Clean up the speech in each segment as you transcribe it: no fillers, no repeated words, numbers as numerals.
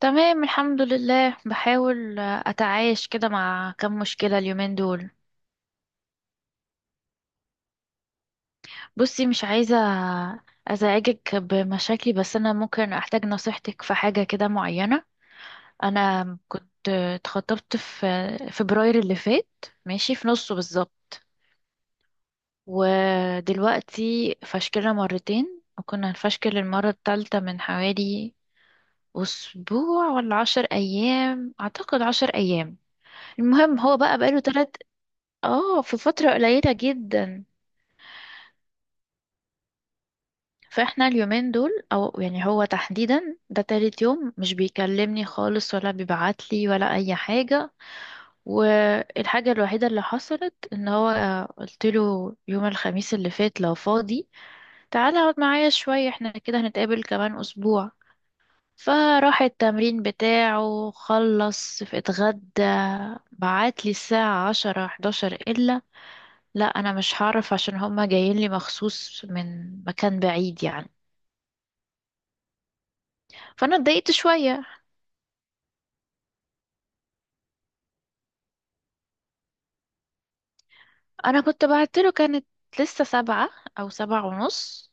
تمام الحمد لله، بحاول اتعايش كده مع كم مشكلة اليومين دول. بصي، مش عايزة ازعجك بمشاكلي، بس انا ممكن احتاج نصيحتك في حاجة كده معينة. انا كنت اتخطبت في فبراير اللي فات، ماشي، في نصه بالظبط. ودلوقتي فشكلنا مرتين وكنا هنفشكل المرة التالتة من حوالي أسبوع ولا 10 أيام، أعتقد 10 أيام. المهم هو بقى بقاله 3 اه في فترة قليلة جدا. فاحنا اليومين دول، او يعني هو تحديدا ده تالت يوم مش بيكلمني خالص ولا بيبعتلي ولا اي حاجة. والحاجة الوحيدة اللي حصلت ان هو قلت له يوم الخميس اللي فات لو فاضي تعالى اقعد معايا شوية، احنا كده هنتقابل كمان اسبوع. فراح التمرين بتاعه، خلص اتغدى، بعتلي الساعة عشرة حداشر إلا، لا انا مش هعرف عشان هما جايين لي مخصوص من مكان بعيد يعني. فانا اتضايقت شوية. انا كنت بعت له، كانت لسه 7 او 7:30.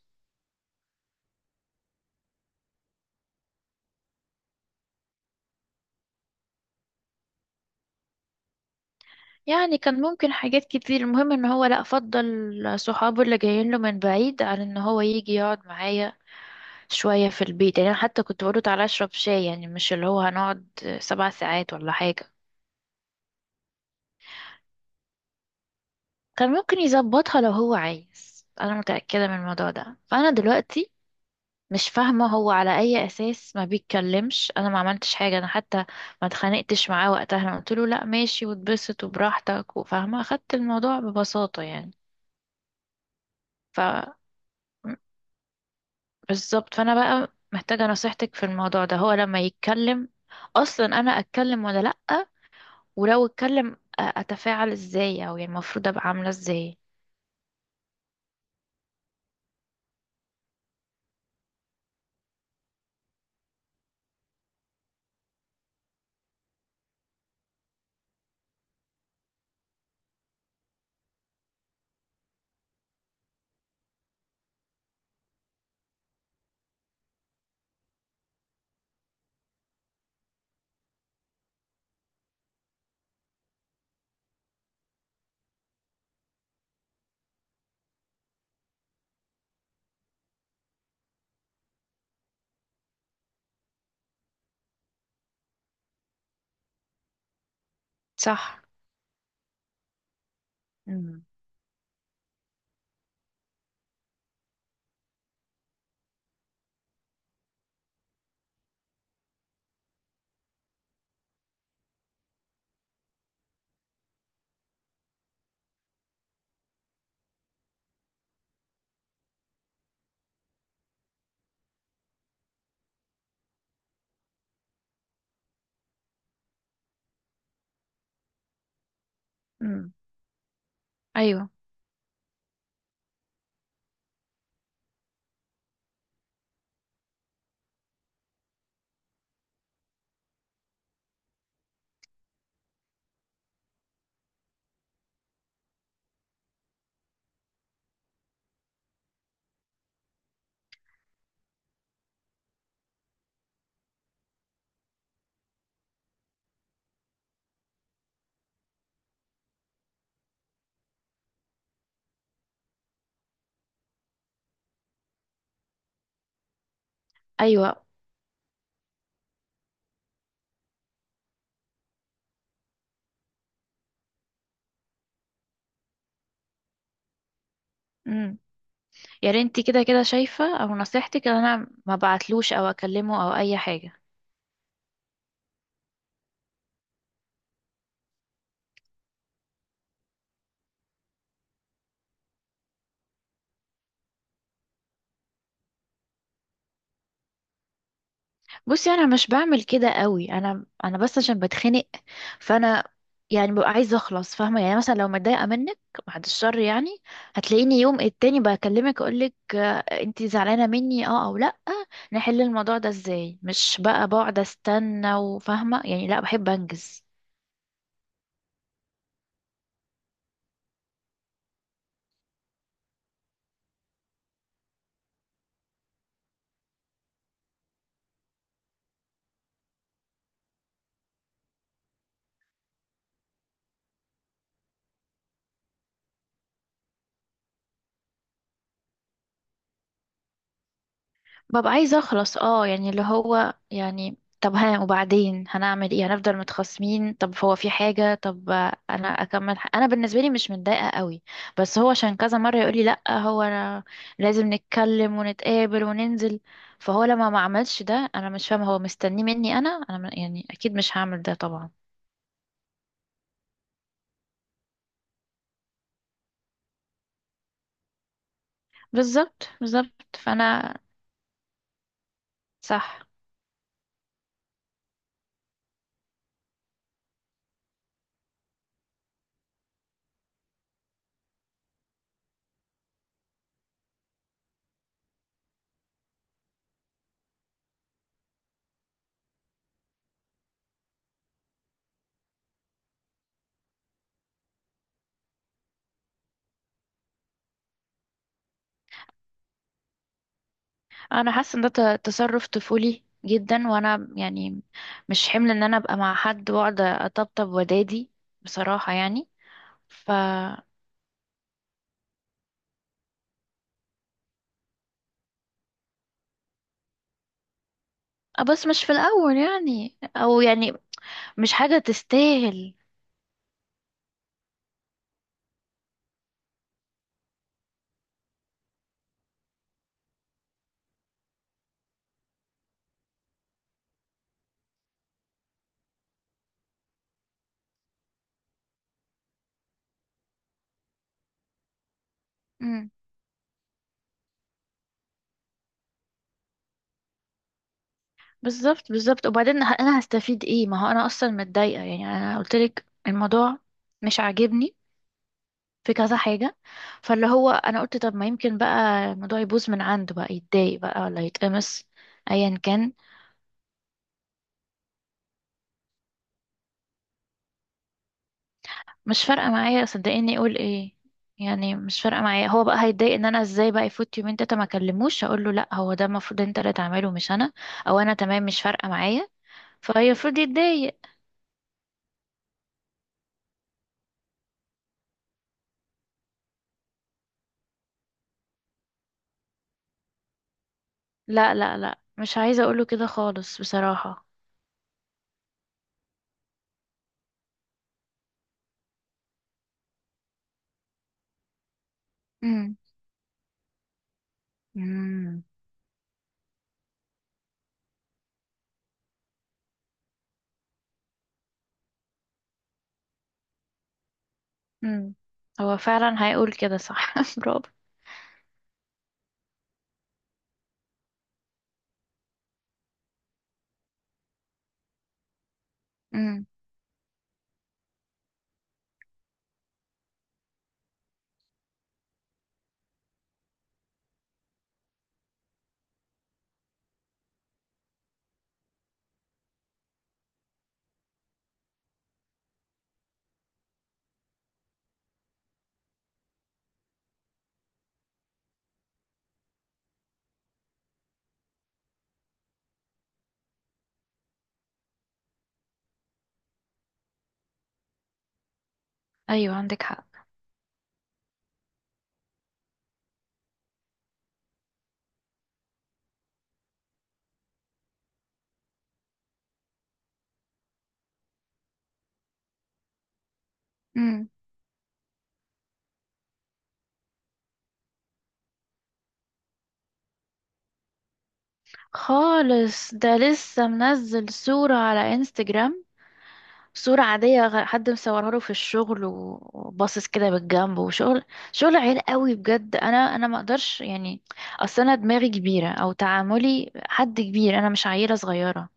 يعني كان ممكن حاجات كتير. المهم ان هو لا فضل صحابه اللي جايين له من بعيد عن ان هو يجي يقعد معايا شوية في البيت. يعني انا حتى كنت بقوله تعالى اشرب شاي، يعني مش اللي هو هنقعد 7 ساعات ولا حاجة. كان ممكن يظبطها لو هو عايز. انا متأكدة من الموضوع ده، فانا دلوقتي مش فاهمة هو على أي أساس ما بيتكلمش. أنا ما عملتش حاجة، أنا حتى ما اتخانقتش معاه وقتها. أنا قلت له لأ ماشي واتبسط وبراحتك، وفاهمة، أخدت الموضوع ببساطة يعني. ف بالظبط. فأنا بقى محتاجة نصيحتك في الموضوع ده. هو لما يتكلم أصلا أنا أتكلم ولا لأ؟ ولو اتكلم، أتفاعل إزاي، أو يعني المفروض أبقى عاملة إزاي؟ صح. امم. امم. أيوه. أيوه. يا ريت كده. كده شايفة او نصيحتك ان انا ما بعتلوش او اكلمه او اي حاجة. بصي، انا مش بعمل كده قوي. انا بس عشان بتخنق، فانا يعني ببقى عايزة اخلص، فاهمة؟ يعني مثلا لو متضايقة منك، بعد الشر يعني، هتلاقيني يوم التاني بكلمك اقولك انتي زعلانة مني، اه او لا، نحل الموضوع ده ازاي، مش بقى بقعد استنى. وفاهمة يعني، لا، بحب انجز. ببقى عايزة اخلص، اه، يعني اللي هو يعني طب ها وبعدين هنعمل ايه، هنفضل متخاصمين؟ طب هو في حاجة؟ طب انا اكمل؟ انا بالنسبة لي مش متضايقة قوي. بس هو عشان كذا مرة يقولي لا، هو انا لازم نتكلم ونتقابل وننزل. فهو لما ما عملش ده انا مش فاهمة هو مستنيه مني انا. يعني اكيد مش هعمل ده طبعا. بالظبط بالظبط فانا. صح. انا حاسه ان ده تصرف طفولي جدا، وانا يعني مش حمل ان انا ابقى مع حد واقعد اطبطب ودادي، بصراحه يعني. ف آه، بس مش في الاول يعني، او يعني مش حاجه تستاهل. امم. بالظبط بالظبط. وبعدين انا هستفيد ايه؟ ما هو انا اصلا متضايقه، يعني انا قلت لك الموضوع مش عاجبني في كذا حاجه. فاللي هو انا قلت طب ما يمكن بقى الموضوع يبوظ من عنده بقى، يتضايق بقى ولا يتقمص، ايا كان. مش فارقة معايا، صدقيني، يقول ايه. يعني مش فارقة معايا. هو بقى هيتضايق ان انا ازاي بقى يفوت يومين تلاته ما اكلموش، اقول له لا هو ده المفروض انت اللي تعمله مش انا. او انا تمام مش فارقة معايا فيفرض يتضايق. لا لا لا، مش عايزة اقوله كده خالص بصراحة. امم. امم. امم. هو فعلا هيقول كده، صح. برافو. امم. ايوه، عندك حق. امم. خالص، ده لسه منزل صورة على انستجرام. صورة عادية، حد مصورها له في الشغل، وباصص كده بالجنب وشغل. شغل عيل قوي بجد، انا ما اقدرش يعني. اصل انا دماغي كبيرة، او تعاملي حد كبير، انا مش عيلة صغيرة.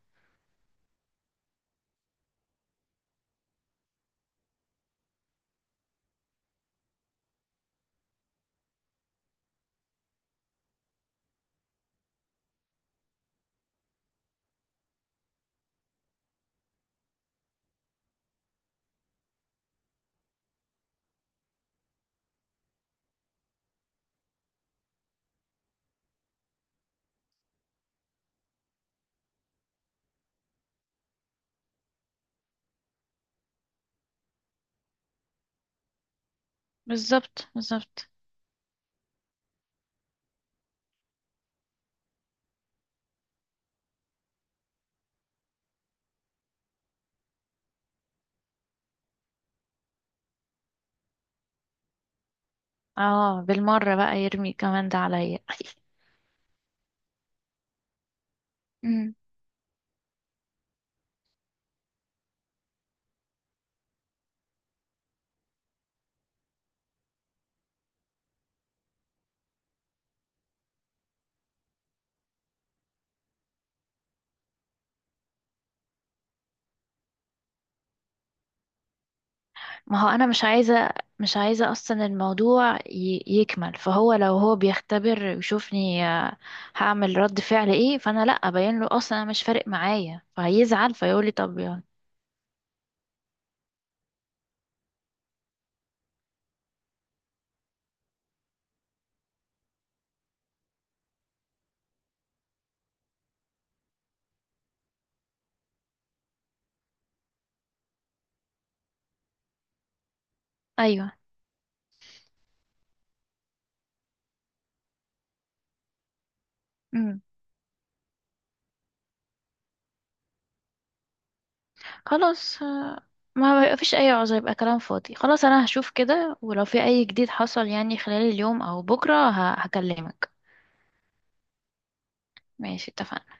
بالظبط بالظبط. اه بالمرة بقى يرمي كمان ده عليا. مم. ما هو انا مش عايزة. مش عايزة اصلا الموضوع يكمل. فهو لو هو بيختبر ويشوفني هعمل رد فعل ايه؟ فانا لا ابين له اصلا انا مش فارق معايا، فهيزعل فيقول لي طب يلا. ايوه. امم. خلاص. ما بيبقى فيش اي عذر، يبقى كلام فاضي. خلاص انا هشوف كده، ولو في اي جديد حصل يعني خلال اليوم او بكره هكلمك. ماشي، اتفقنا.